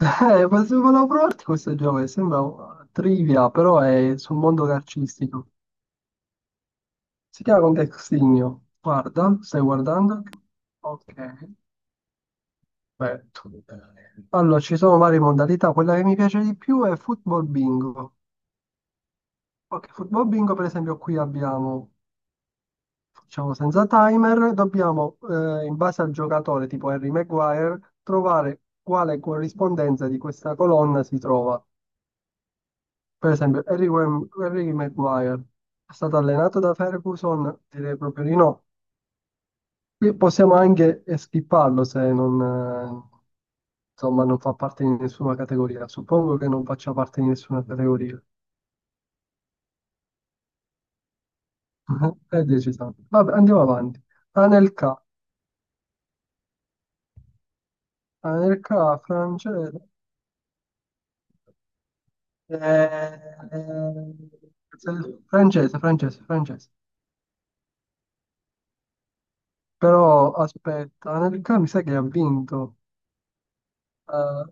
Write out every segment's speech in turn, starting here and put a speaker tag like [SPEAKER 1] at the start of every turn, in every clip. [SPEAKER 1] Volevo provarti questo gioco che sembra trivia, però è sul mondo calcistico. Si chiama Contextinho. Guarda, stai guardando? Ok, perfetto. Allora, ci sono varie modalità. Quella che mi piace di più è football bingo. Ok, football bingo, per esempio, qui abbiamo, facciamo senza timer, dobbiamo, in base al giocatore, tipo Harry Maguire, trovare quale corrispondenza di questa colonna si trova. Per esempio, Harry Maguire è stato allenato da Ferguson? Direi proprio di no. Qui possiamo anche skipparlo se non, insomma, non fa parte di nessuna categoria. Suppongo che non faccia parte di nessuna categoria. È deciso. Vabbè, andiamo avanti. Anelka. Anelka francese. Eh, Francese, francese, francese. Però aspetta, Anelka mi sa che ha vinto. Eh,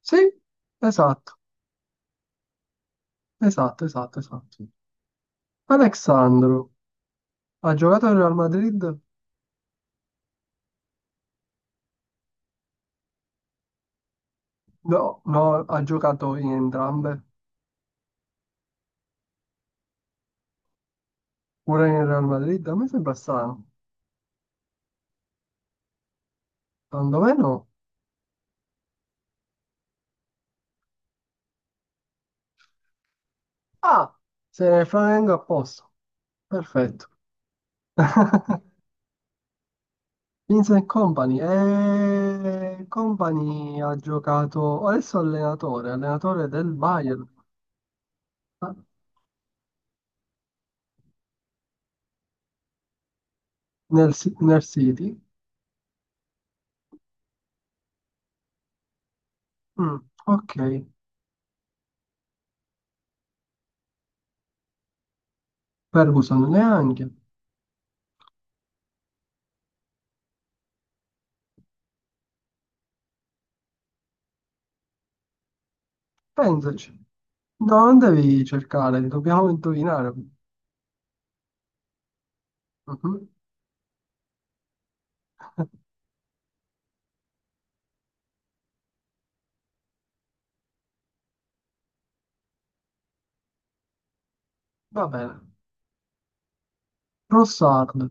[SPEAKER 1] sì, esatto. Esatto, esatto, esatto. Alexandro ha giocato in Real Madrid? No, no, ha giocato in entrambe. Pure in Real Madrid? A me sembra strano. Secondo me no. Ah, se ne Flamengo a posto. Perfetto. Vincent Company. Company ha giocato, adesso è allenatore, allenatore del Bayern, ah, nel City. Mm, ok. Ferguson neanche. Pensaci. No, non devi cercare, dobbiamo indovinare. Mhm. Va bene. Rossard.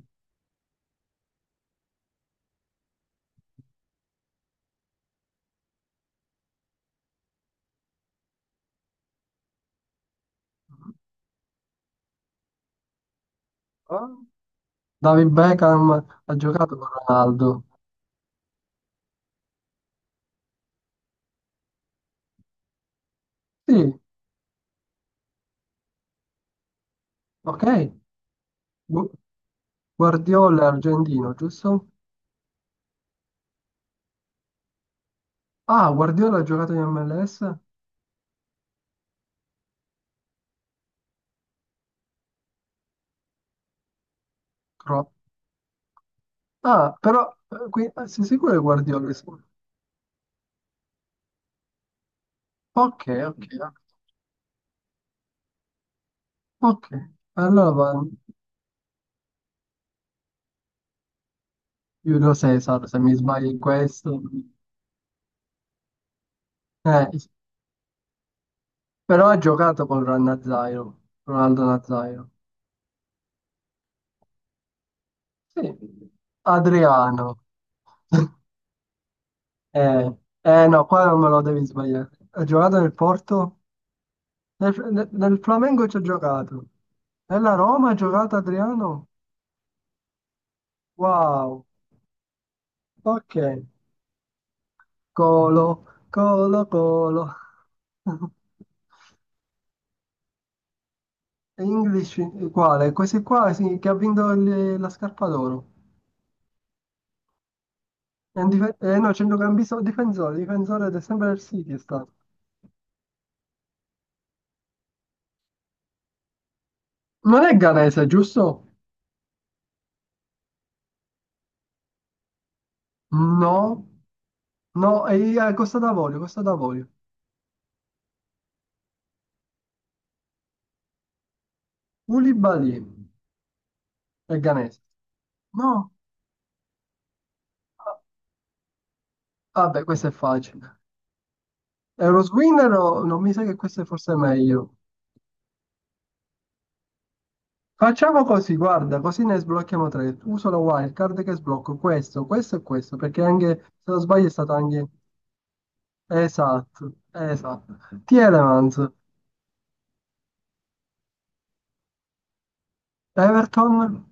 [SPEAKER 1] Ah, David Beckham ha giocato con Ronaldo. Sì, ok. Gu- Guardiola è argentino, giusto? Ah, Guardiola ha giocato in MLS? Cro- Ah, però qui, sei sicuro che Guardiola? Ok, ok, ok. Allora va Giulio Cesar, se mi sbaglio in questo. Eh, Però ha giocato con Ronaldo Nazairo. Sì, Adriano. No, qua non me lo devi sbagliare. Ha giocato nel Porto? Nel Flamengo ci ha giocato. Nella Roma ha giocato Adriano? Wow. Ok. Colo, colo, colo. English, quale? Questi qua sì, che ha vinto la scarpa d'oro. È un no, centrocampista difensore, difensore del sempre del City è stato. Non è ghanese, giusto? No. No, è a Costa d'Avorio, Costa d'Avorio. Koulibaly è ghanese. No, ah, vabbè, questo è facile. Euroswin no, non mi sa che questo è forse meglio. Facciamo così, guarda, così ne sblocchiamo tre. Uso la wildcard che sblocco questo, questo e questo, perché anche, se non sbaglio, è stato anche. Esatto, esatto. Tielemans, Everton.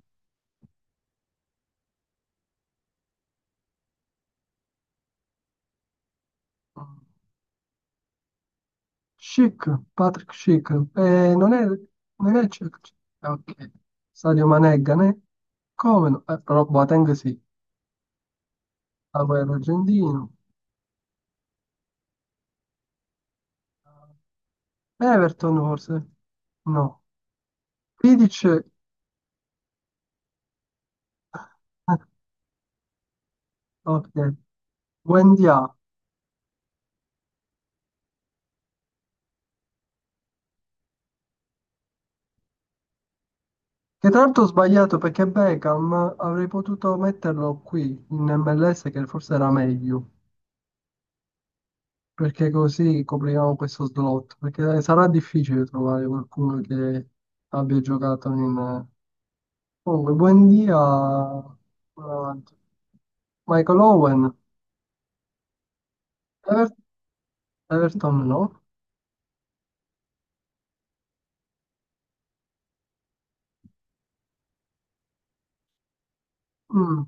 [SPEAKER 1] Schick, Patrick Schick. Eh, non è, non è ok, Sadio Mané è Ghanè? Come no? Però Boateng sì. Agüero argentino, Everton forse, no, Vidic, ok, Wendia, che tra l'altro ho sbagliato perché Beckham avrei potuto metterlo qui in MLS che forse era meglio, perché così copriamo questo slot, perché sarà difficile trovare qualcuno che abbia giocato in. Comunque, buon dia, avanti. Michael Owen, Ever- Everton no. Mm,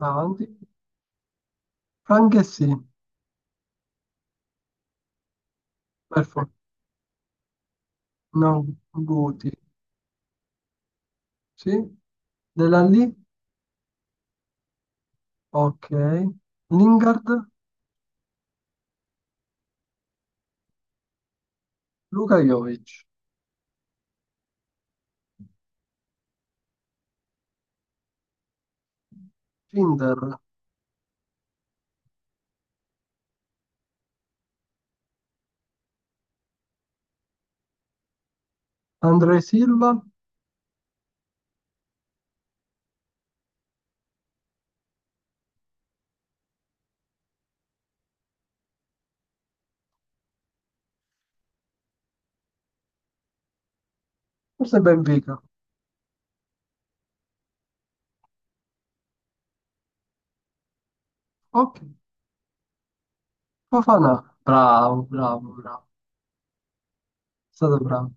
[SPEAKER 1] Avanti. Frank sì, perfetto, no, Guti, sì, Della lì, ok, Lingard, Luka Jovic, Cinder, Andre Silva, forse Benfica, ok. Fofana, bravo, bravo, bravo, è stato bravo.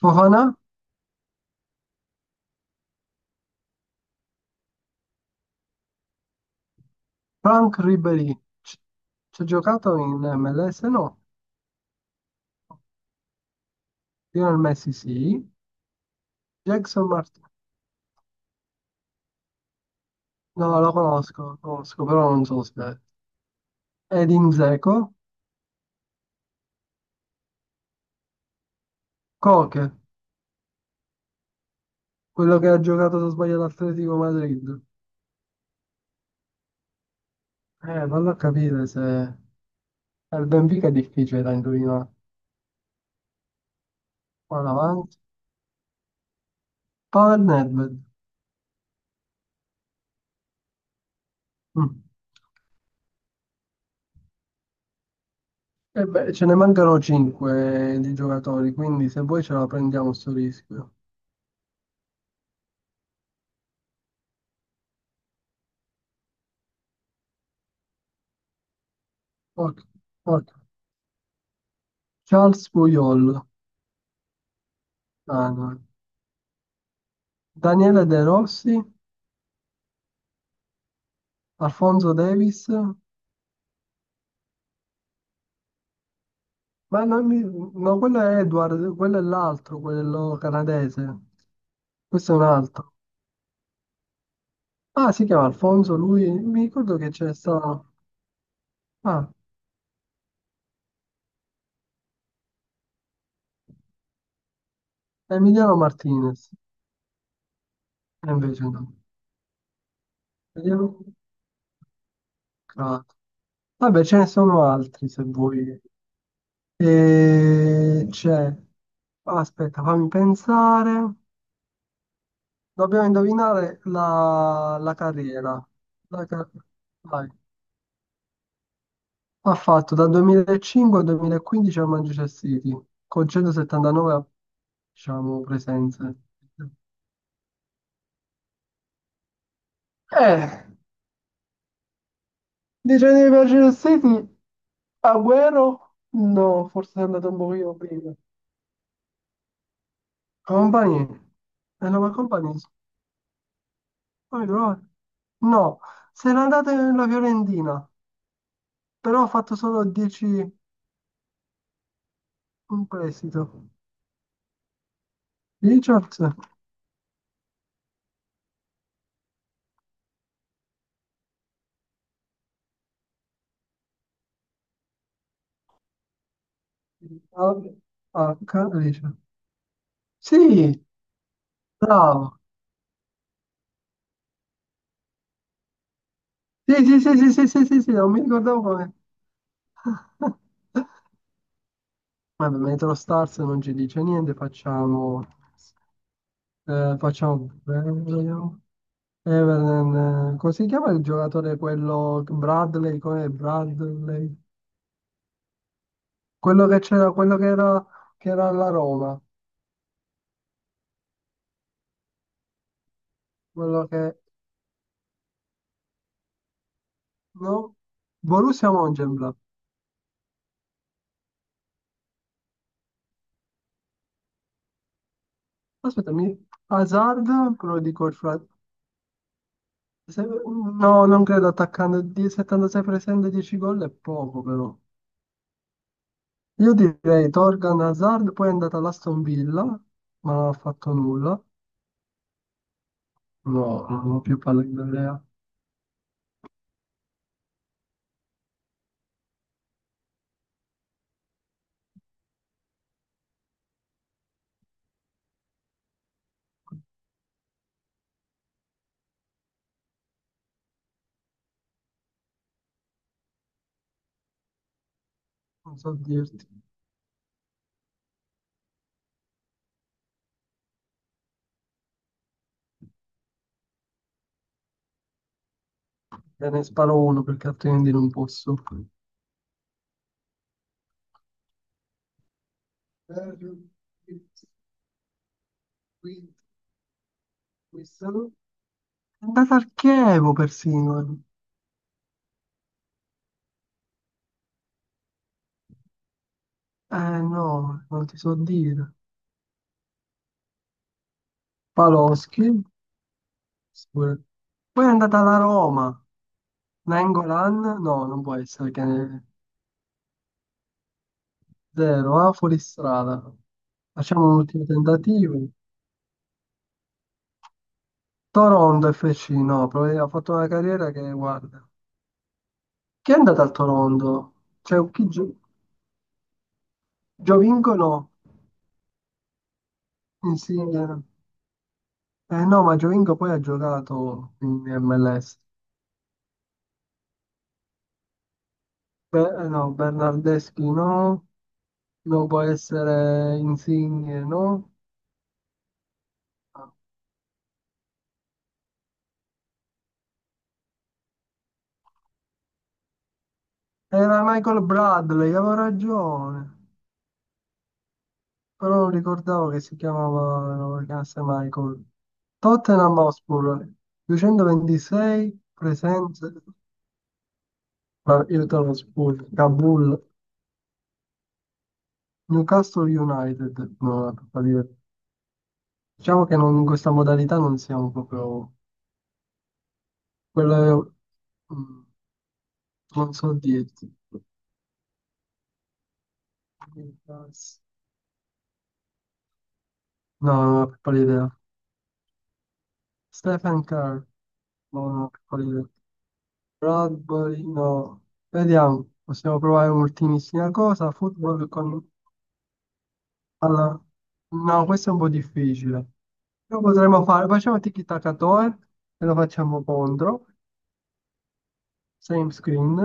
[SPEAKER 1] Fofana, Frank Ribéry, ci ci ha giocato in MLS? No. Lionel Messi sì. Jackson Martin, no, lo conosco, però non so se è. Ed Dzeko, Koke, quello che ha giocato, se non sbaglio, all'Atletico Madrid. Vallo a capire se. Il Benfica è difficile da indovinare. Qua davanti. Pavel Nedved. Mm. E beh, ce ne mancano 5 di giocatori, quindi se vuoi ce la prendiamo sto rischio. Ok, ok. Charles Puyol, ah, no. Daniele De Rossi, Alfonso Davis, ma non mi. No, quello è Edward, quello è l'altro, quello canadese. Questo è un altro. Ah, si chiama Alfonso, lui, mi ricordo che c'è stato. Ah, Emiliano Martinez, e invece no. Emiliano- Ah. Vabbè, ce ne sono altri se vuoi. E c'è, aspetta, fammi pensare. Dobbiamo indovinare la carriera. La ca- Vai. Ha fatto dal 2005 al 2015 a Manchester City, con 179, diciamo, presenze. Eh, dice di Manchester City, Agüero? No, forse è andato un pochino prima. Compagni? È una compagnia? Poi no, no, se n'è andato nella Fiorentina. Però ho fatto solo 10, un prestito. Richards? Al- H. Richard. Sì, bravo. Sì, sì, sì, sì, sì, sì, sì, sì, non mi ricordavo come. Vabbè, Metro Stars non ci dice niente, facciamo. eh, facciamo... Everton, come si chiama il giocatore quello Bradley? Com'è Bradley? Quello che c'era, quello che era alla Roma, quello che. No? Borussia Mönchengladbach. Aspettami, Hazard, però dico il fratello. No, non credo attaccando di 76 presenze 10 gol è poco però. Io direi Torgan Hazard, poi è andata all'Aston Villa, ma non ha fatto nulla. No, non ho più palle di idea. Non so dirti. Te ne sparo uno perché altrimenti non posso. Per il quinto, questo. È andata al Chievo persino. Eh no, non ti so dire. Paloschi. Sicuro. Poi è andata alla Roma, Nangolan, no, non può essere che zero, ah, fuoristrada. Facciamo un ultimo tentativo. Toronto FC, no, probabilmente ha fatto una carriera che, guarda. Chi è andato al Toronto? Cioè, Giovinco no, Insigne. Eh no, ma Giovinco poi ha giocato in MLS. Be- no, Bernardeschi no, non può essere Insigne no. Era Michael Bradley, avevo ragione, però non ricordavo che si chiamava, lo chiamasse Michael. Tottenham Hotspur, 226 presenze, ma io te lo sputo, Kabul, Newcastle United, no, vabbè, per dire. Diciamo che in questa modalità non siamo proprio, quello è- mm, non so dirti. No, non ho la piccola idea. Stephen Kerr, non ho la piccola idea. Rugby, no. Vediamo, possiamo provare un'ultimissima cosa. Football con. alla- No, questo è un po' difficile. Lo potremmo fare, facciamo tiki-taka-toe e lo facciamo contro. Same screen.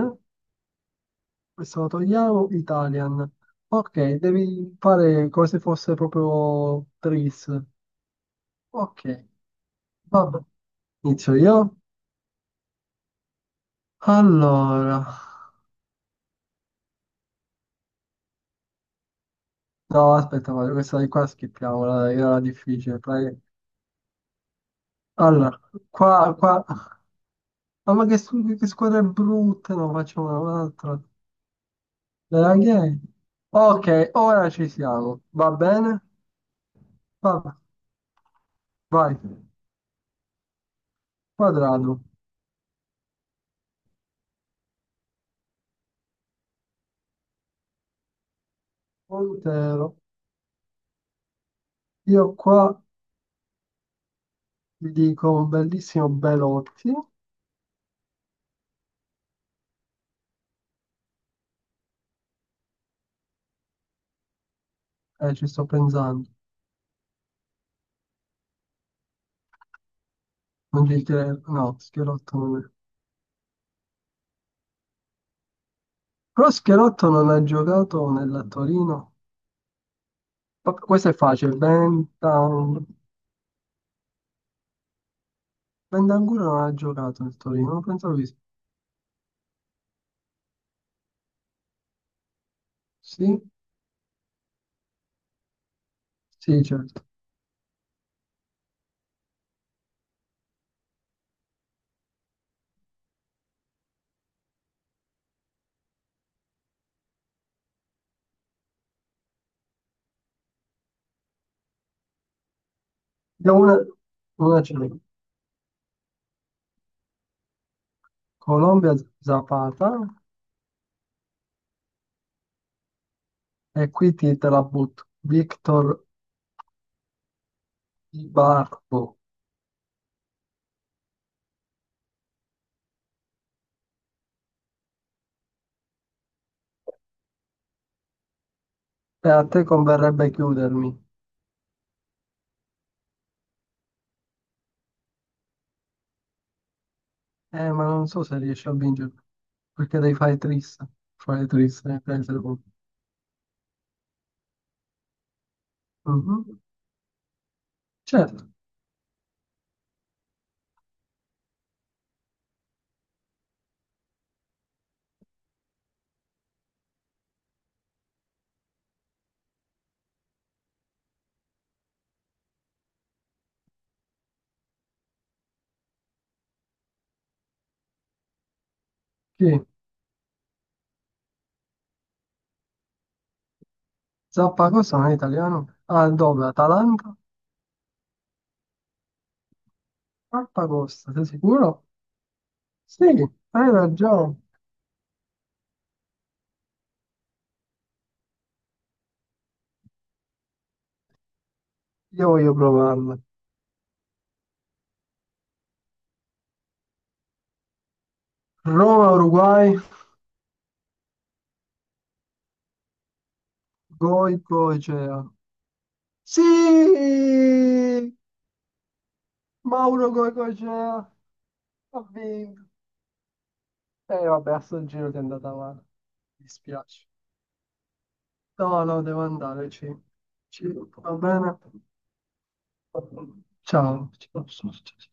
[SPEAKER 1] Questo lo togliamo, Italian. Ok, devi fare come se fosse proprio tris. Ok, vabbè. Inizio io. Allora. No, aspetta, guarda, questa di qua schippiamola, dai, era difficile. Dai. Allora, qua, qua. Ah, ma che, che squadra è brutta, no, facciamo un'altra. Chi è? Ok, ora ci siamo. Va bene? Va- Vai. Quadrato, Montero. Io qua ti dico un bellissimo Belotti. Ci sto pensando. Non ci credo. No, Schelotto non è. Però Schelotto non ha giocato nella Torino. Vabbè, questo è facile. Bentancur. Bentancur non ha giocato nel Torino. Non pensavo di sì. Sì, certo. E una ce l'ho. Colombia Zapata e qui ti te la butto. Victor Ibarbo. E a te converrebbe chiudermi. Ma non so se riesci a vincere, perché devi fare triste. Fare triste, devi prendere punti. Mhm. Certo. Chi? Zappacosta non è italiano? Ah, dove? Atalanta? Zappacosta, sei sicuro? Sì, hai ragione. Io voglio provarla. Roma, Uruguay, Goicea. Sì! Mauro Goigocea ha vinto. Eh vabbè, a San Giro ti è andata male. Mi dispiace. No, no, devo andare. Ci- Va bene. Ciao. Ciao. Ciao.